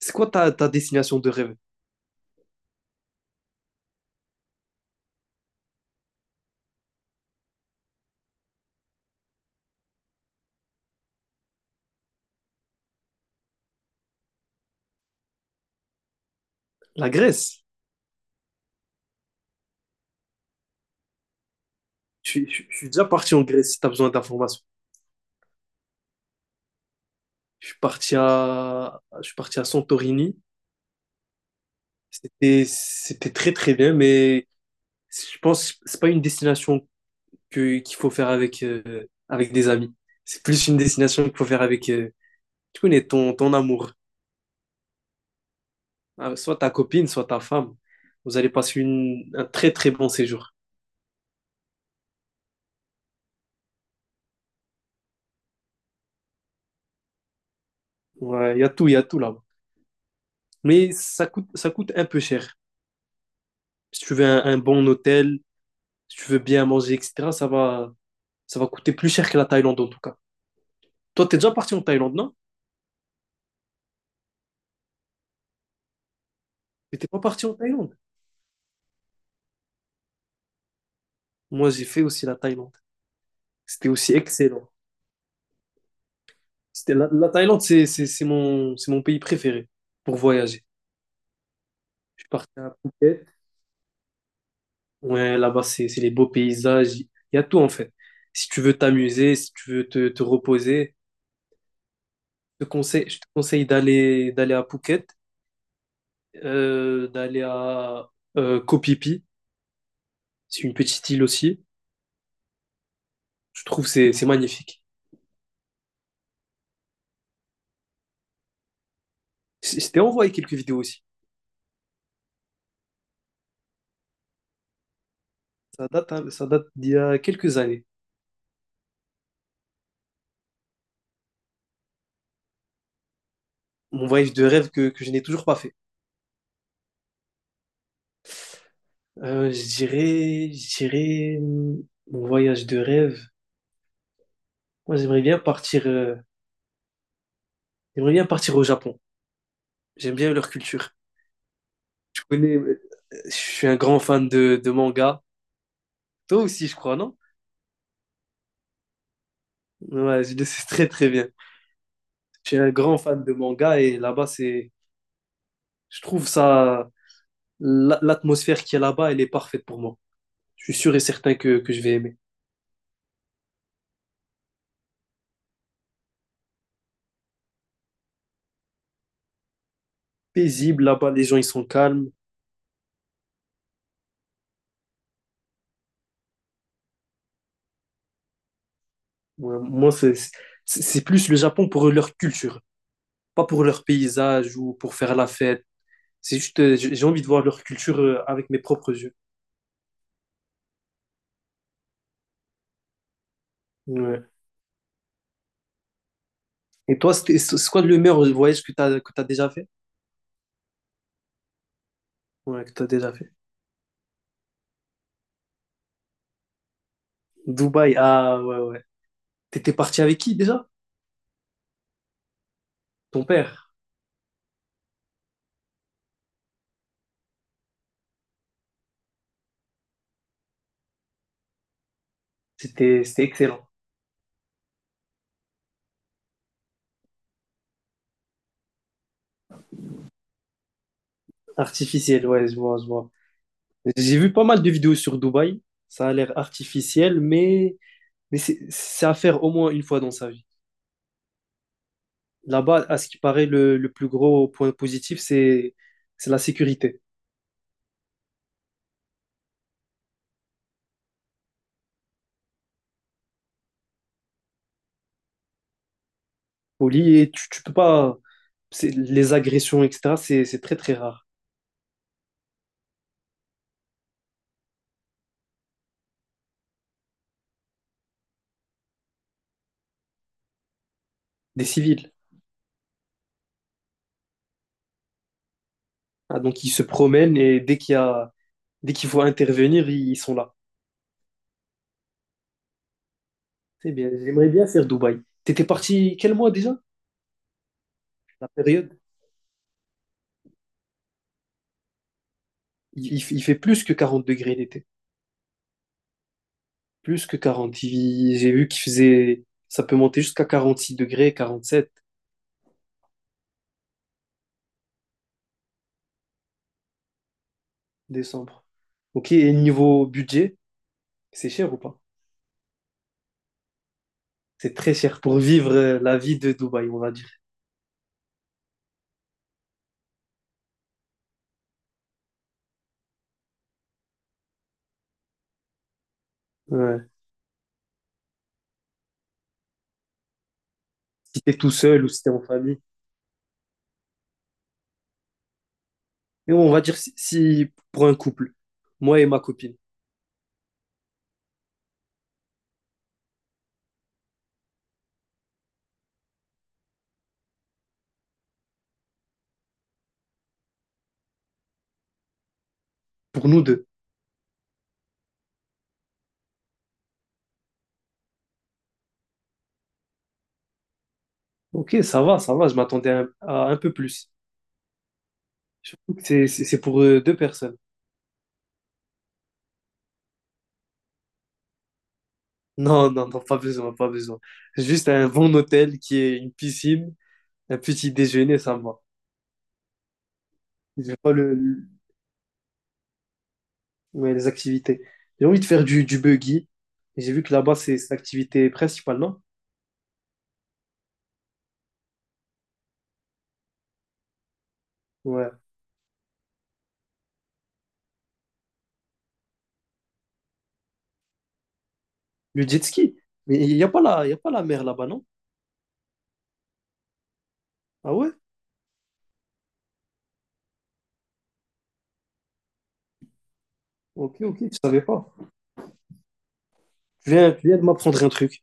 C'est quoi ta destination de rêve? La Grèce. Je suis déjà parti en Grèce si tu as besoin d'informations. Je suis parti à Santorini. C'était très très bien, mais je pense que c'est pas une destination qu'il faut faire avec, avec des amis. C'est plus une destination qu'il faut faire avec, tu connais, ton amour. Soit ta copine, soit ta femme. Vous allez passer un très très bon séjour. Ouais, il y a tout là-bas. Mais ça coûte un peu cher. Si tu veux un bon hôtel, si tu veux bien manger, etc., ça va coûter plus cher que la Thaïlande en tout cas. Toi, t'es déjà parti en Thaïlande, non? Mais t'es pas parti en Thaïlande. Moi, j'ai fait aussi la Thaïlande. C'était aussi excellent. La Thaïlande, c'est mon pays préféré pour voyager. Je suis parti à Phuket. Ouais, là-bas, c'est les beaux paysages. Il y a tout en fait. Si tu veux t'amuser, si tu veux te reposer, je te conseille d'aller à Phuket. D'aller à Kopipi, c'est une petite île aussi. Je trouve que c'est magnifique. Je t'ai envoyé quelques vidéos aussi. Ça date, hein, ça date d'il y a quelques années. Mon voyage de rêve que je n'ai toujours pas fait. Je dirais mon voyage de rêve. Moi, j'aimerais bien partir au Japon. J'aime bien leur culture. Tu connais, je suis un grand fan de manga. Toi aussi, je crois, non? Ouais, je le sais très très bien. Je suis un grand fan de manga et là-bas, c'est... Je trouve ça, l'atmosphère qui est là-bas, elle est parfaite pour moi. Je suis sûr et certain que je vais aimer. Paisible, là-bas, les gens, ils sont calmes. Ouais, moi, c'est plus le Japon pour leur culture, pas pour leur paysage ou pour faire la fête. C'est juste, j'ai envie de voir leur culture avec mes propres yeux. Ouais. Et toi, c'est quoi le meilleur voyage que que tu déjà fait? Ouais, que tu déjà fait. Dubaï, ah ouais, ouais. T'étais parti avec qui déjà? Ton père. C'était excellent. Artificiel, ouais, je vois. J'ai vu pas mal de vidéos sur Dubaï. Ça a l'air artificiel, mais c'est à faire au moins une fois dans sa vie. Là-bas, à ce qui paraît, le plus gros point positif, c'est la sécurité. Au lit, et tu peux pas. Les agressions, etc., c'est très très rare. Des civils. Ah, donc ils se promènent et dès qu'il faut intervenir, ils sont là. C'est bien. J'aimerais bien faire Dubaï. T'étais parti quel mois déjà? La période? Il fait plus que 40 degrés l'été. Plus que 40 j'ai vu qu'il faisait, ça peut monter jusqu'à 46 degrés, 47 décembre. Ok, et niveau budget, c'est cher ou pas? C'est très cher pour vivre la vie de Dubaï, on va dire. Ouais. Si t'es tout seul ou si t'es en famille. Et on va dire si pour un couple, moi et ma copine, pour nous deux. Ok, ça va, je m'attendais à un peu plus. Surtout que c'est pour deux personnes. Non, non, non, pas besoin, pas besoin. Juste un bon hôtel qui est une piscine, un petit déjeuner, ça me va. J'ai pas le, le- Ouais, les activités. J'ai envie de faire du buggy. Et j'ai vu que là-bas, c'est l'activité principale, non? Ouais. Le jet ski. Mais il y a pas la mer là-bas, non? Ah ouais? Ok, ok, je savais pas. Tu viens de m'apprendre un truc.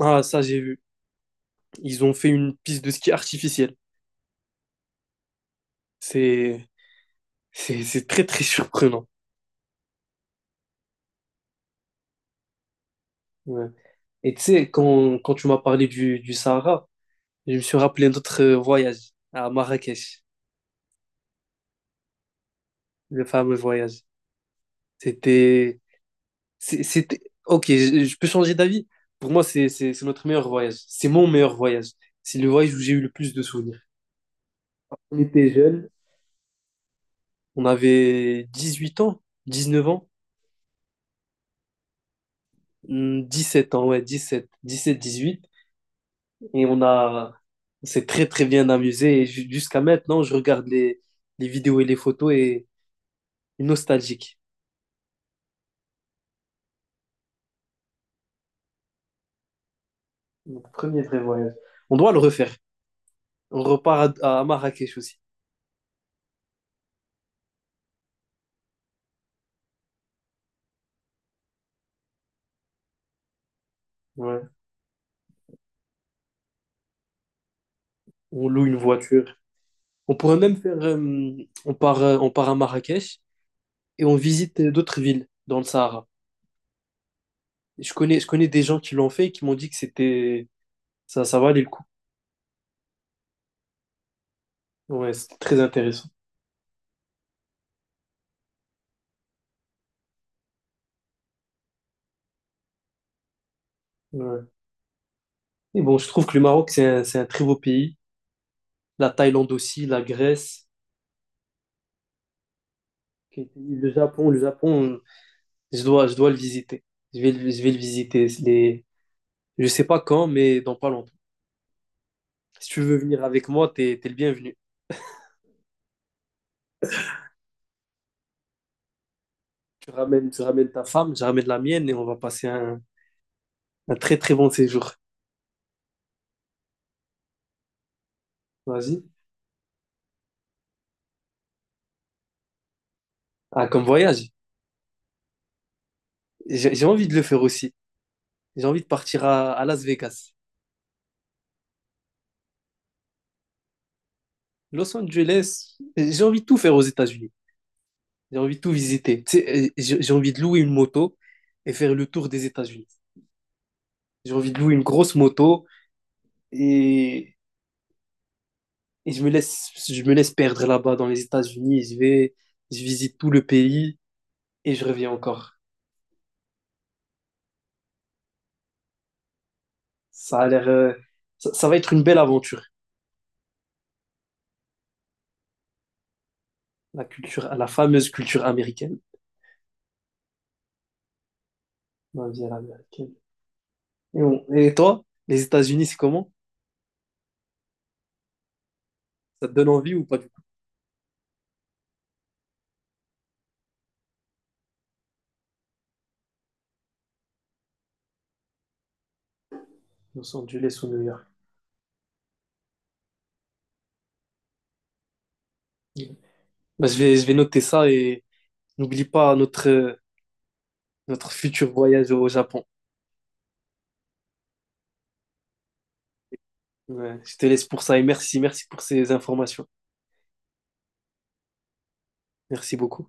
Ah, ça, j'ai vu. Ils ont fait une piste de ski artificielle. C'est, c'est très, très surprenant. Ouais. Et tu sais, quand tu m'as parlé du Sahara, je me suis rappelé notre voyage à Marrakech, le fameux voyage. C'était C'était... Ok, je peux changer d'avis. Pour moi, c'est notre meilleur voyage. C'est mon meilleur voyage. C'est le voyage où j'ai eu le plus de souvenirs. On était jeunes, on avait 18 ans, 19 ans, sept ans, ouais, dix sept dix huit. Et on a... on s'est très, très bien amusé. Et jusqu'à maintenant, je regarde les vidéos et les photos et nostalgique. Mon premier vrai voyage. On doit le refaire. On repart à Marrakech aussi. Ouais. On loue une voiture. On pourrait même faire, on part à Marrakech et on visite d'autres villes dans le Sahara. Et je connais des gens qui l'ont fait et qui m'ont dit que ça, ça valait le coup. Ouais, c'était très intéressant. Ouais. Et bon, je trouve que le Maroc, c'est un très beau pays. La Thaïlande aussi, la Grèce, le Japon, je dois le visiter. Je vais, je vais le visiter. Les, je sais pas quand, mais dans pas longtemps. Si tu veux venir avec moi, t'es le bienvenu. Tu ramènes ta femme, je ramène la mienne et on va passer un très très bon séjour. Vas-y. Ah, comme voyage. J'ai envie de le faire aussi. J'ai envie de partir à Las Vegas, Los Angeles. J'ai envie de tout faire aux États-Unis. J'ai envie de tout visiter. Tu sais, j'ai envie de louer une moto et faire le tour des États-Unis. J'ai envie de louer une grosse moto et, je me laisse perdre là-bas dans les États-Unis. Je vais, je visite tout le pays et je reviens encore. Ça a l'air, ça, ça va être une belle aventure. La culture, la fameuse culture américaine. Ma vie à l'américaine. Et, et toi, les États-Unis, c'est comment? Ça te donne envie ou pas du tout? Los Angeles ou New York. Ouais. Bah, je vais noter ça et n'oublie pas notre, notre futur voyage au Japon. Ouais, je te laisse pour ça et merci, merci pour ces informations. Merci beaucoup.